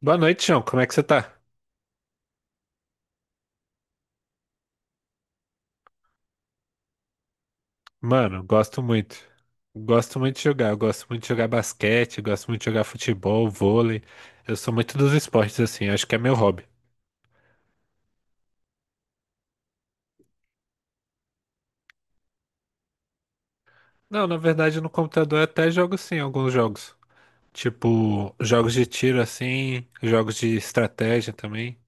Boa noite, João. Como é que você tá? Mano, gosto muito. Gosto muito de jogar. Eu gosto muito de jogar basquete, gosto muito de jogar futebol, vôlei. Eu sou muito dos esportes, assim. Acho que é meu hobby. Não, na verdade, no computador eu até jogo sim alguns jogos. Tipo, jogos de tiro, assim, jogos de estratégia também.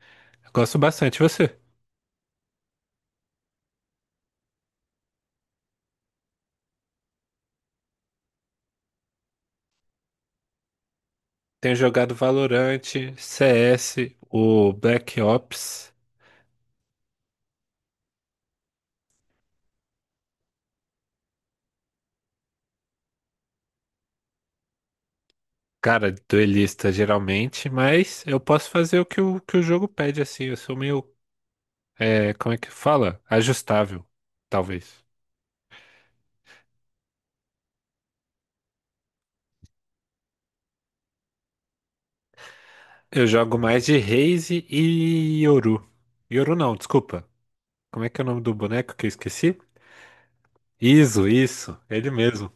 Eu gosto bastante. E você? Tenho jogado Valorant, CS, o Black Ops. Cara, duelista geralmente, mas eu posso fazer o que o jogo pede, assim. Eu sou meio. É, como é que fala? Ajustável, talvez. Eu jogo mais de Raze e Yoru. Yoru não, desculpa. Como é que é o nome do boneco que eu esqueci? Iso, isso, ele mesmo.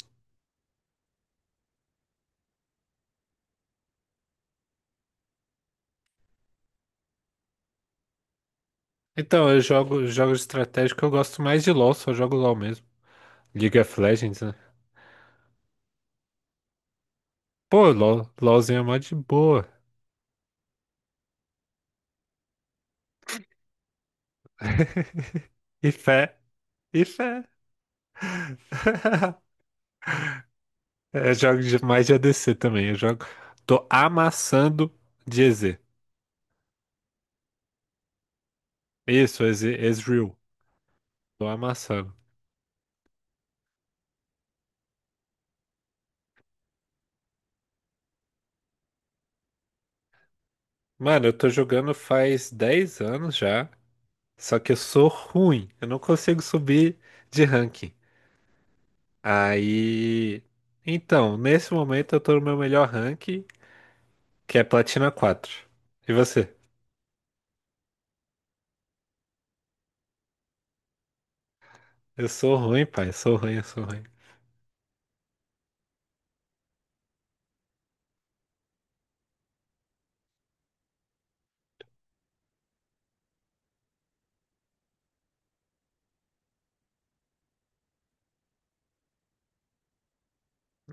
Então, eu jogo jogos de estratégia que eu gosto mais de LoL, só jogo LoL mesmo. League of Legends, né? Pô, LoL, LoLzinho é mó de boa. E fé, e fé. Eu jogo mais de ADC também, eu jogo. Tô amassando de EZ. Isso, EZ, Ezreal. Tô amassando. Mano, eu tô jogando faz 10 anos já, só que eu sou ruim, eu não consigo subir de ranking. Aí. Então, nesse momento eu tô no meu melhor ranking, que é Platina 4. E você? Eu sou ruim, pai, eu sou ruim, eu sou ruim.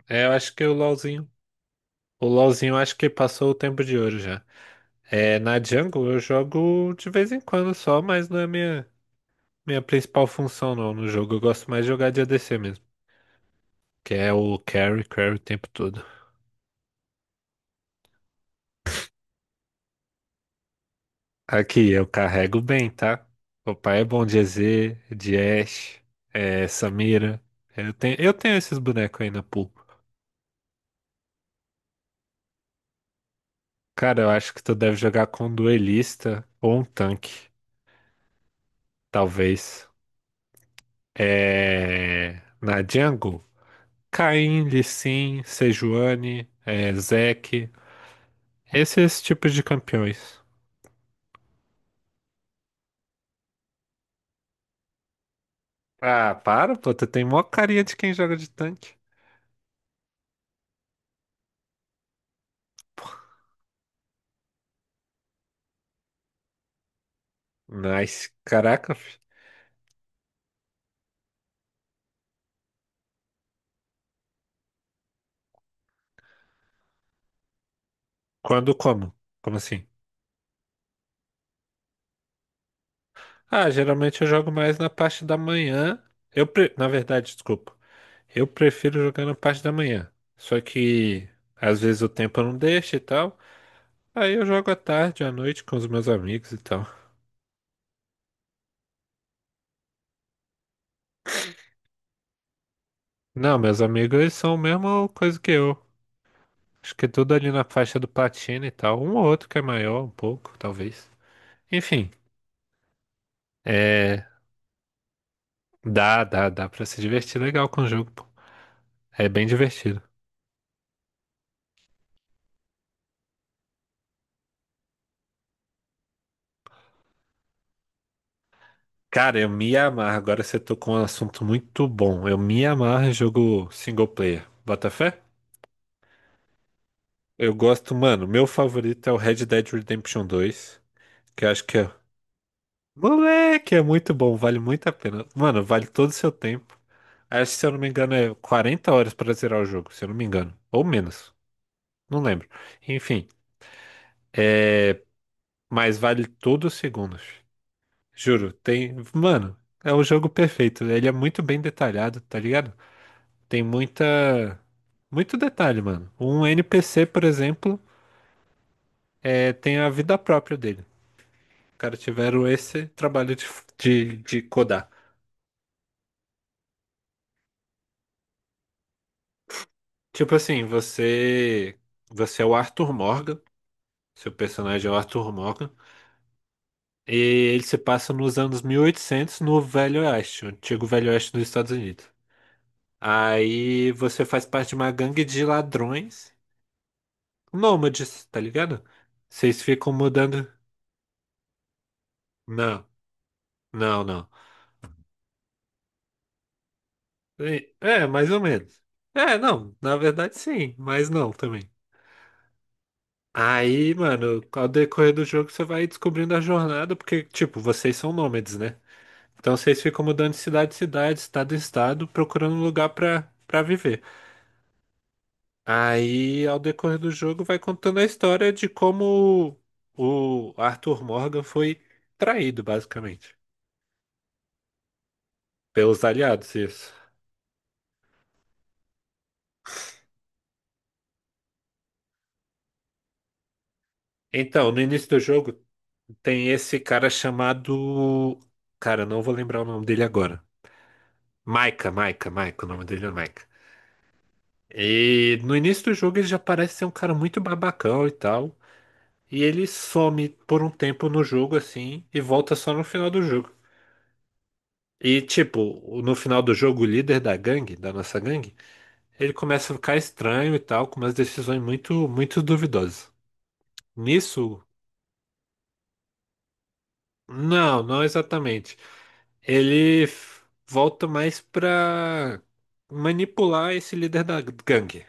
É, eu acho que o LoLzinho. O LoLzinho eu acho que passou o tempo de ouro já. É, na jungle eu jogo de vez em quando só, mas não é minha principal função não no jogo. Eu gosto mais de jogar de ADC mesmo, que é o carry, carry o tempo todo. Aqui, eu carrego bem, tá? Papai é bom de EZ, de Ashe, é, Samira. Eu tenho esses bonecos aí na pool. Cara, eu acho que tu deve jogar com um duelista ou um tanque, talvez. É... Na jungle, Kayn, Lee Sin, Sejuani, é, Zeke, esses tipos de campeões. Ah, para, pô, tu tem mó carinha de quem joga de tanque. Nice, caraca, fi. Quando como? Como assim? Ah, geralmente eu jogo mais na parte da manhã. Na verdade, desculpa. Eu prefiro jogar na parte da manhã. Só que às vezes o tempo não deixa e tal. Aí eu jogo à tarde, à noite com os meus amigos e tal. Não, meus amigos eles são a mesma coisa que eu. Acho que tudo ali na faixa do platina e tal. Um ou outro que é maior, um pouco, talvez. Enfim, é. Dá pra se divertir legal com o jogo, pô. É bem divertido. Cara, eu me amarro. Agora você tocou um assunto muito bom. Eu me amarro em jogo single player. Bota fé? Eu gosto, mano. Meu favorito é o Red Dead Redemption 2, que eu acho que é. Moleque, é muito bom, vale muito a pena. Mano, vale todo o seu tempo. Acho que, se eu não me engano, é 40 horas pra zerar o jogo, se eu não me engano. Ou menos, não lembro. Enfim, mas vale todos os segundos. Juro, tem. Mano, é o jogo perfeito. Ele é muito bem detalhado, tá ligado? Tem muita. Muito detalhe, mano. Um NPC, por exemplo, é, tem a vida própria dele. Os caras tiveram esse trabalho de codar. Tipo assim, você. Você é o Arthur Morgan. Seu personagem é o Arthur Morgan. E ele se passa nos anos 1800 no Velho Oeste, o antigo Velho Oeste dos Estados Unidos. Aí você faz parte de uma gangue de ladrões nômades, tá ligado? Vocês ficam mudando. Não, não, não. E- É, mais ou menos. É, não, na verdade sim, mas não também. Aí, mano, ao decorrer do jogo você vai descobrindo a jornada, porque, tipo, vocês são nômades, né? Então vocês ficam mudando de cidade em cidade, estado em estado, procurando um lugar pra viver. Aí, ao decorrer do jogo, vai contando a história de como o Arthur Morgan foi traído, basicamente, pelos aliados, isso. Então, no início do jogo tem esse cara chamado. Cara, eu não vou lembrar o nome dele agora. Micah, o nome dele é Micah. E no início do jogo ele já parece ser um cara muito babacão e tal. E ele some por um tempo no jogo assim e volta só no final do jogo. E tipo, no final do jogo, o líder da gangue, da nossa gangue, ele começa a ficar estranho e tal, com umas decisões muito, muito duvidosas. Nisso. Não, não exatamente. Ele volta mais pra manipular esse líder da gangue.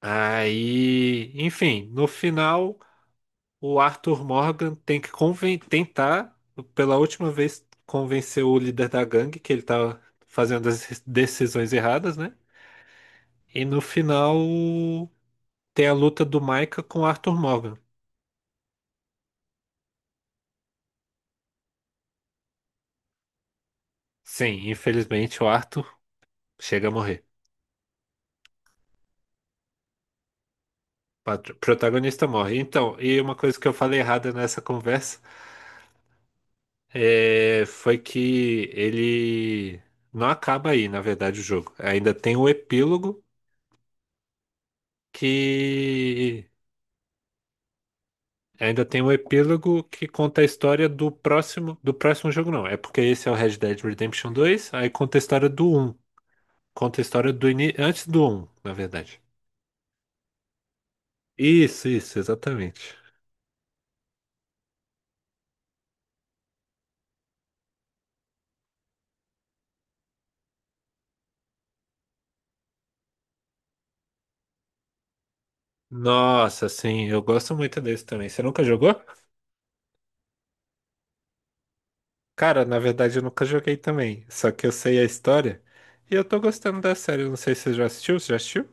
Aí, enfim, no final, o Arthur Morgan tem que tentar, pela última vez, convencer o líder da gangue que ele tá fazendo as decisões erradas, né? E no final, tem a luta do Micah com o Arthur Morgan. Sim, infelizmente o Arthur chega a morrer. Protagonista morre. Então, e uma coisa que eu falei errada nessa conversa é, foi que ele não acaba aí, na verdade, o jogo. Ainda tem um epílogo que conta a história do próximo jogo, não. É porque esse é o Red Dead Redemption 2, aí conta a história do um. Conta a história do ini... antes do um, na verdade. Isso, exatamente. Nossa, sim, eu gosto muito desse também. Você nunca jogou? Cara, na verdade eu nunca joguei também, só que eu sei a história e eu tô gostando da série. Eu não sei se você já assistiu, você já assistiu?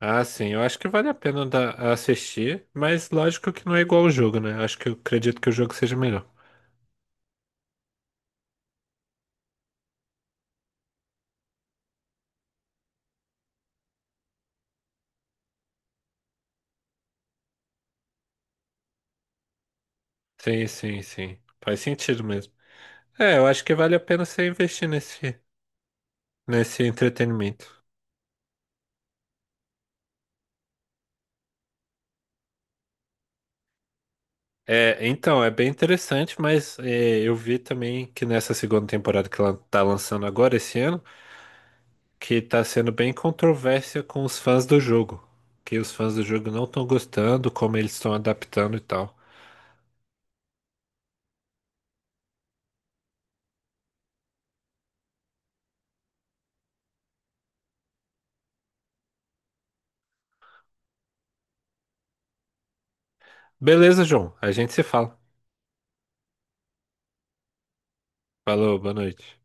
Ah, sim, eu acho que vale a pena assistir, mas lógico que não é igual ao jogo, né? Eu acho que eu acredito que o jogo seja melhor. Sim, sim, sim. Faz sentido mesmo. É, eu acho que vale a pena você investir nesse entretenimento. É, então, é bem interessante, mas é, eu vi também que nessa segunda temporada que ela tá lançando agora, esse ano, que tá sendo bem controvérsia com os fãs do jogo. Que os fãs do jogo não estão gostando, como eles estão adaptando e tal. Beleza, João. A gente se fala. Falou, boa noite.